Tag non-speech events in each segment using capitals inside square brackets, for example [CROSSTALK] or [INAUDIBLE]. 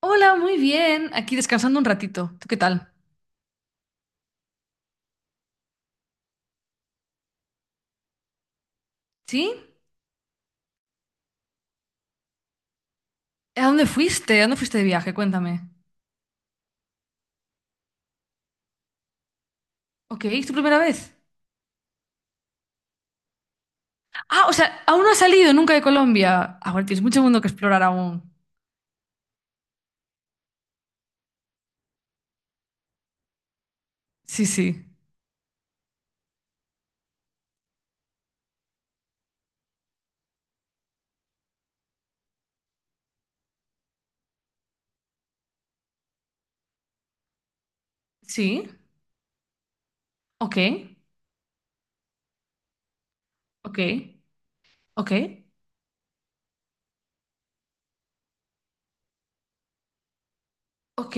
Hola, muy bien. Aquí descansando un ratito. ¿Tú qué tal? ¿Sí? ¿A dónde fuiste de viaje? Cuéntame. Ok, ¿es tu primera vez? Ah, o sea, aún no has salido nunca de Colombia. Ahora tienes mucho mundo que explorar aún. Sí, sí. Sí. Ok, ok, ok, ok,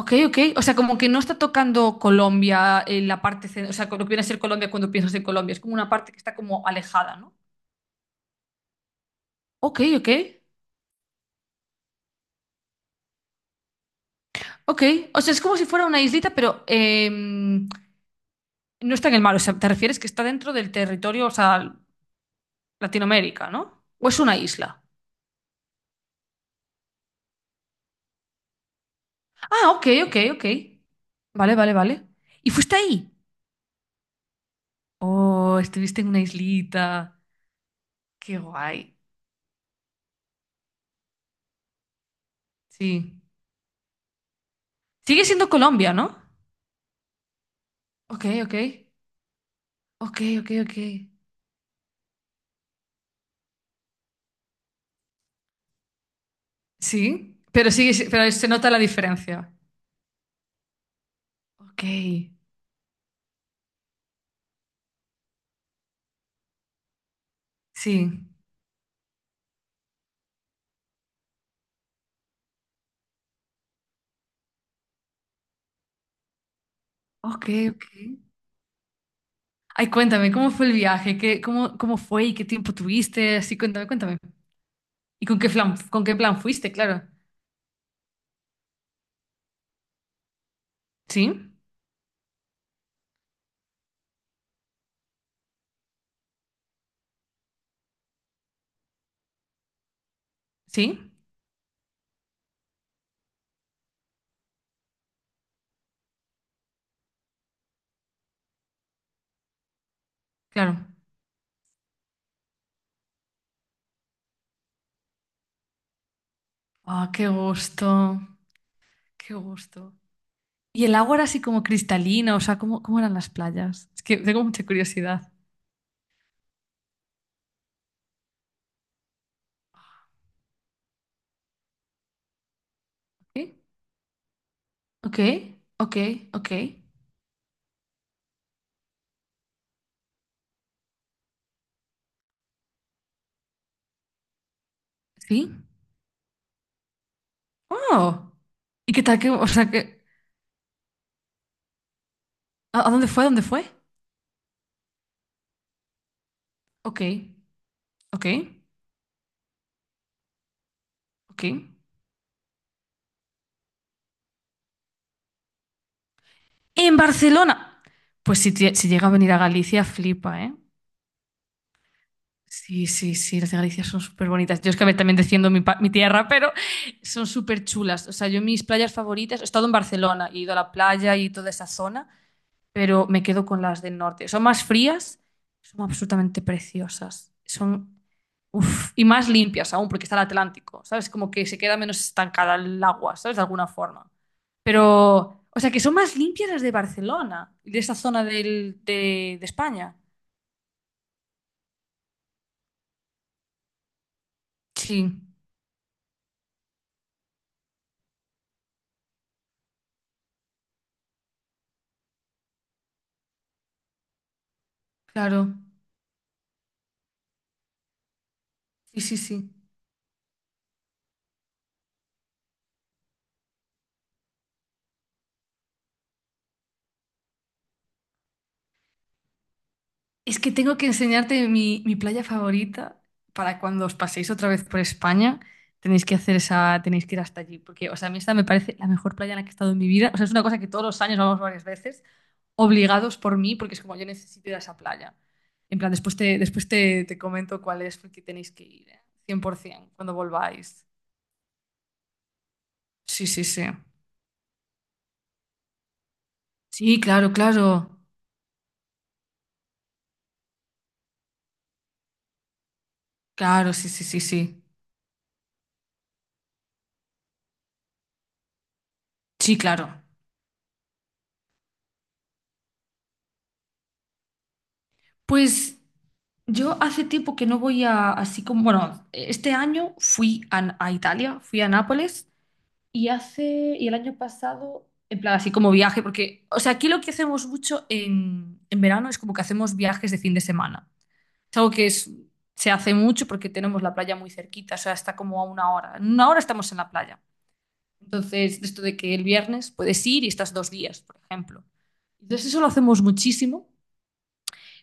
ok, ok. O sea, como que no está tocando Colombia en la parte, o sea, lo que viene a ser Colombia cuando piensas en Colombia. Es como una parte que está como alejada, ¿no? Ok, ok. Ok, o sea, es como si fuera una islita, pero. No está en el mar, o sea, te refieres que está dentro del territorio, o sea, Latinoamérica, ¿no? ¿O es una isla? Ah, ok, ok, ok. Vale, vale, vale. ¿Y fuiste ahí? Oh, estuviste en una islita. Qué guay. Sí. Sigue siendo Colombia, ¿no? Ok, ok. Ok, ok, ok. Sí, pero sigue, si- pero se nota la diferencia. Ok, sí. Ok, ok. Ay, cuéntame, ¿cómo fue el viaje? Cómo fue y qué tiempo tuviste? Así, cuéntame, cuéntame. ¿Y con qué plan fuiste? Claro. ¿Sí? ¿Sí? Claro. Ah, qué gusto. Qué gusto. ¿Y el agua era así como cristalina? O sea, ¿cómo eran las playas? Es que tengo mucha curiosidad. ¿Sí? Ok, ok, ok. ¿Sí? ¡Oh! ¿Y qué tal que, o sea, que, ¿a dónde fue? Ok, ok, ok. En Barcelona. Pues si llega a venir a Galicia, flipa, ¿eh? Sí, sí, sí, las de Galicia son súper bonitas. Yo es que a ver, también defiendo mi tierra, pero son súper chulas. O sea, yo mis playas favoritas, he estado en Barcelona, he ido a la playa y toda esa zona, pero me quedo con las del norte. Son más frías, son absolutamente preciosas. Son, uf, y más limpias aún, porque está el Atlántico, ¿sabes? Como que se queda menos estancada el agua, ¿sabes? De alguna forma. Pero, o sea, que son más limpias las de Barcelona, de esa zona de España. Sí, claro. Sí, sí, sí. Es que tengo que enseñarte mi playa favorita para cuando os paséis otra vez por España. Tenéis que ir hasta allí. Porque, o sea, a mí esta me parece la mejor playa en la que he estado en mi vida. O sea, es una cosa que todos los años vamos varias veces, obligados por mí, porque es como yo necesito ir a esa playa. En plan, después te comento cuál es, porque tenéis que ir, ¿eh? 100% cuando volváis. Sí, sí, sí. Sí, claro, claro. Claro, sí, sí, sí, sí. Sí, claro. Pues yo hace tiempo que no voy así como, bueno, este año fui a Italia, fui a Nápoles y el año pasado, en plan, así como viaje, porque, o sea, aquí lo que hacemos mucho en verano es como que hacemos viajes de fin de semana. Es algo que se hace mucho porque tenemos la playa muy cerquita, o sea, está como a una hora. En una hora estamos en la playa. Entonces, esto de que el viernes puedes ir y estás 2 días, por ejemplo. Entonces, eso lo hacemos muchísimo.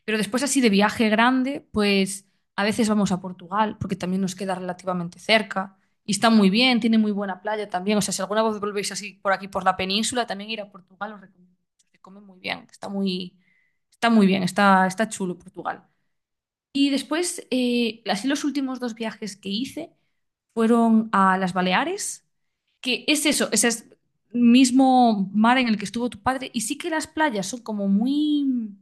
Pero después así de viaje grande, pues a veces vamos a Portugal, porque también nos queda relativamente cerca. Y está muy bien, tiene muy buena playa también. O sea, si alguna vez volvéis así por aquí, por la península, también ir a Portugal os recomiendo mucho. Se come muy bien, está muy bien, está chulo Portugal. Y después, así los últimos 2 viajes que hice fueron a las Baleares, que es eso, ese es el mismo mar en el que estuvo tu padre. Y sí que las playas son como muy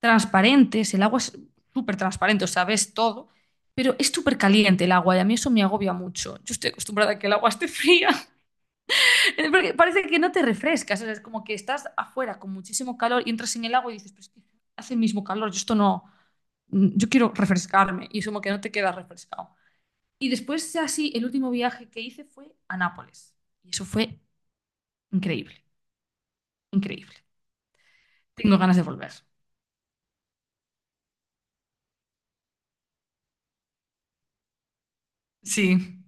transparentes, el agua es súper transparente, o sea, ves todo, pero es súper caliente el agua y a mí eso me agobia mucho. Yo estoy acostumbrada a que el agua esté fría, [LAUGHS] porque parece que no te refrescas, o sea, es como que estás afuera con muchísimo calor y entras en el agua y dices, pero es que hace el mismo calor, yo esto no, yo quiero refrescarme y es como que no te quedas refrescado. Y después, así, el último viaje que hice fue a Nápoles y eso fue increíble, increíble. Tengo ganas de volver. Sí.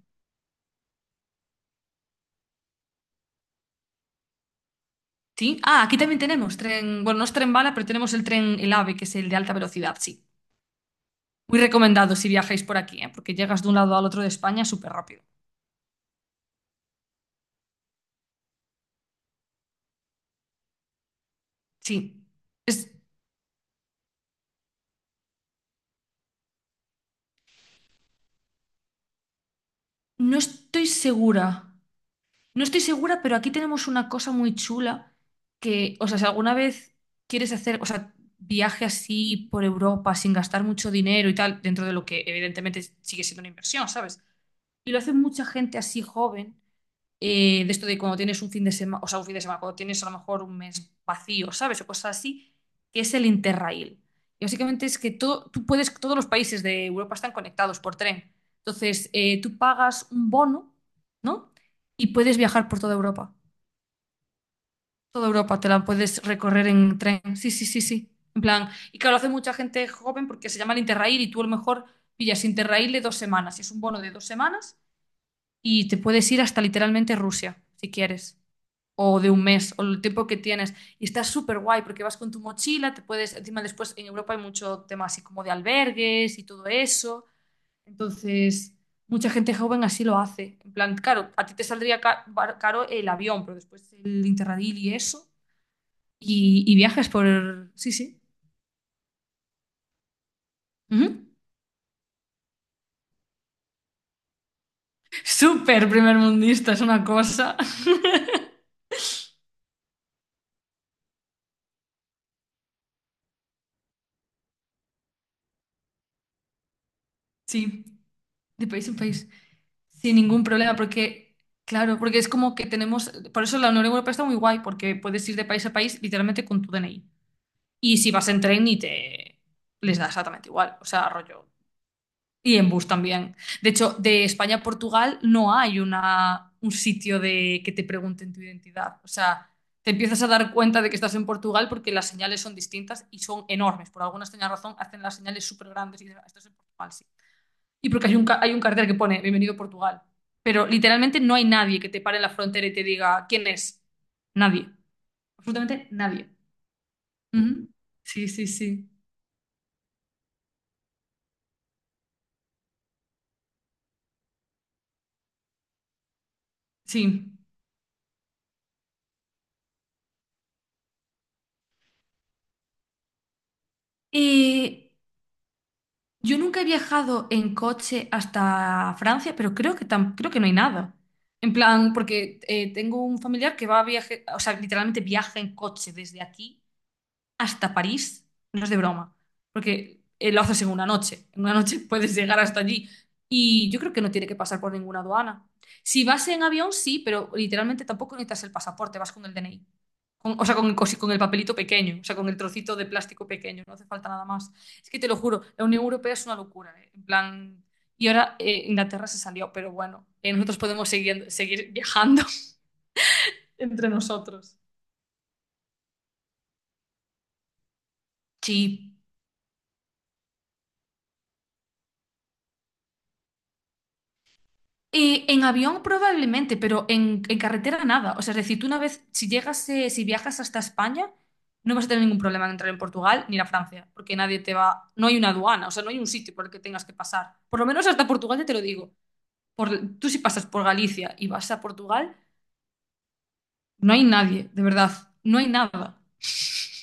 Sí. Ah, aquí también tenemos tren, bueno, no es tren bala, pero tenemos el tren, el AVE, que es el de alta velocidad, sí. Muy recomendado si viajáis por aquí, ¿eh? Porque llegas de un lado al otro de España súper rápido. Sí. Es- no estoy segura, no estoy segura, pero aquí tenemos una cosa muy chula que, o sea, si alguna vez quieres hacer, o sea, viaje así por Europa sin gastar mucho dinero y tal, dentro de lo que evidentemente sigue siendo una inversión, ¿sabes? Y lo hace mucha gente así joven de esto de cuando tienes un fin de semana, o sea, un fin de semana, cuando tienes a lo mejor un mes vacío, ¿sabes? O cosas así, que es el Interrail. Y básicamente es que todos los países de Europa están conectados por tren. Entonces, tú pagas un bono, ¿no? Y puedes viajar por toda Europa. Toda Europa te la puedes recorrer en tren. Sí, sí, sí, sí. En plan, y claro, lo hace mucha gente joven porque se llama el Interrail y tú a lo mejor pillas Interrail de 2 semanas. Y es un bono de 2 semanas y te puedes ir hasta literalmente Rusia, si quieres o de un mes o el tiempo que tienes. Y está súper guay porque vas con tu mochila, encima después en Europa hay mucho tema así como de albergues y todo eso. Entonces, mucha gente joven así lo hace. En plan, claro, a ti te saldría caro el avión, pero después el Interrail y eso. Y viajes por... Sí, sí. Ujú. [LAUGHS] Súper primer mundista, es una cosa. Sí, de país en país. Sin ningún problema, porque, claro, porque es como que tenemos, por eso la Unión Europea está muy guay, porque puedes ir de país a país literalmente con tu DNI. Y si vas en tren y te les da exactamente igual, o sea, rollo. Y en bus también. De hecho, de España a Portugal no hay un sitio de que te pregunten tu identidad. O sea, te empiezas a dar cuenta de que estás en Portugal porque las señales son distintas y son enormes. Por alguna extraña razón hacen las señales súper grandes y dices, "Ah, esto es en Portugal, sí. Y porque hay un cartel que pone Bienvenido a Portugal. Pero literalmente no hay nadie que te pare en la frontera y te diga quién es. Nadie. Absolutamente nadie. Ujú. Sí, sí, sí. Sí. Eh, yo nunca he viajado en coche hasta Francia, pero creo que no hay nada. En plan, porque tengo un familiar que va a viaje, o sea, literalmente viaja en coche desde aquí hasta París, no es de broma, porque lo haces en una noche. En una noche [LAUGHS] puedes llegar hasta allí. Y yo creo que no tiene que pasar por ninguna aduana. Si vas en avión, sí, pero literalmente tampoco necesitas el pasaporte, vas con el DNI. O sea, con el papelito pequeño, o sea, con el trocito de plástico pequeño, no hace falta nada más. Es que te lo juro, la Unión Europea es una locura, ¿eh? En plan... Y ahora Inglaterra se salió, pero bueno, nosotros podemos seguir viajando [LAUGHS] entre nosotros. Sí. En avión probablemente, pero en, carretera nada. O sea, es decir, si viajas hasta España, no vas a tener ningún problema en entrar en Portugal ni ir a Francia, porque nadie te va, no hay una aduana, o sea, no hay un sitio por el que tengas que pasar. Por lo menos hasta Portugal, ya te lo digo. Por, tú si pasas por Galicia y vas a Portugal, no hay nadie, de verdad, no hay nada. [LAUGHS]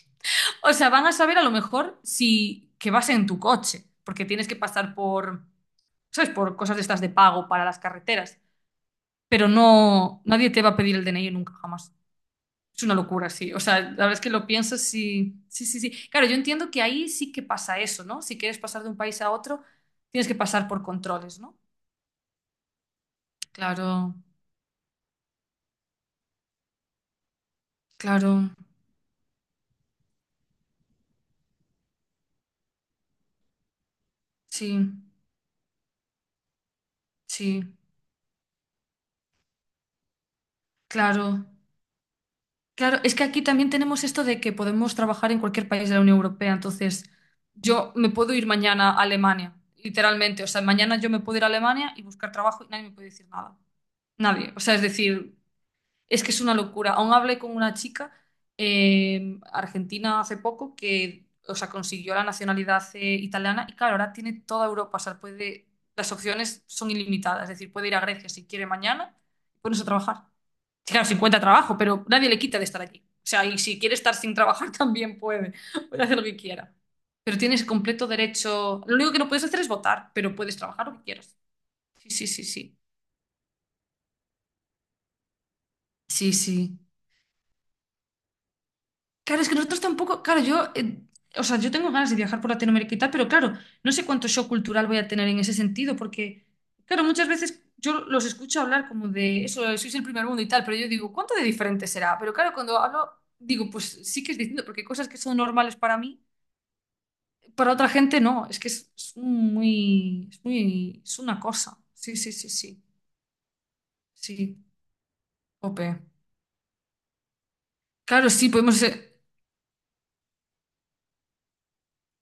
O sea, van a saber a lo mejor si que vas en tu coche, porque tienes que pasar por, ¿sabes? Por cosas de estas de pago para las carreteras. Pero no, nadie te va a pedir el DNI nunca jamás. Es una locura, sí. O sea, la verdad es que lo piensas sí, sí, sí, sí. Claro, yo entiendo que ahí sí que pasa eso, ¿no? Si quieres pasar de un país a otro, tienes que pasar por controles, ¿no? Claro, claro, sí, sí, claro. Claro, es que aquí también tenemos esto de que podemos trabajar en cualquier país de la Unión Europea, entonces yo me puedo ir mañana a Alemania, literalmente. O sea, mañana yo me puedo ir a Alemania y buscar trabajo y nadie me puede decir nada. Nadie. O sea, es decir, es que es una locura. Aún hablé con una chica argentina hace poco que, o sea, consiguió la nacionalidad italiana y claro, ahora tiene toda Europa. O sea, las opciones son ilimitadas. Es decir, puede ir a Grecia si quiere mañana y ponerse a trabajar. Sí, claro, si encuentra trabajo, pero nadie le quita de estar allí. O sea, y si quiere estar sin trabajar [LAUGHS] también puede. Puede hacer lo que quiera. Pero tienes completo derecho. Lo único que no puedes hacer es votar, pero puedes trabajar lo que quieras. Sí, sí, sí, sí. Sí, sí. Claro, es que nosotros tampoco, claro, o sea, yo tengo ganas de viajar por Latinoamérica y tal, pero claro, no sé cuánto shock cultural voy a tener en ese sentido, porque, claro, muchas veces yo los escucho hablar como de eso, sois el primer mundo y tal, pero yo digo, ¿cuánto de diferente será? Pero claro, cuando hablo, digo, pues sí que es distinto, porque hay cosas que son normales para mí, para otra gente no, es que es un muy, es una cosa. Sí, sí, sí, sí, sí, ope. Claro, sí, podemos ser.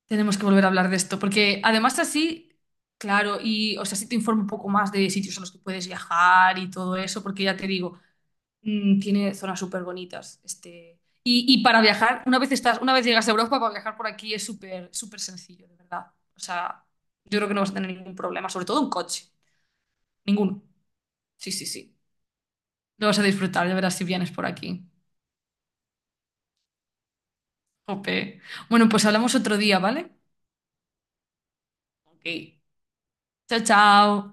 Tenemos que volver a hablar de esto, porque además así, claro, y o sea, sí te informo un poco más de sitios a los que puedes viajar y todo eso, porque ya te digo, tiene zonas súper bonitas. Este, y para viajar, una vez llegas a Europa, para viajar por aquí es súper, súper sencillo, de verdad. O sea, yo creo que no vas a tener ningún problema, sobre todo en coche. Ninguno. Sí, sí, sí. Lo vas a disfrutar, ya verás si vienes por aquí. Jope. Bueno, pues hablamos otro día, ¿vale? Ok. Chao, chao.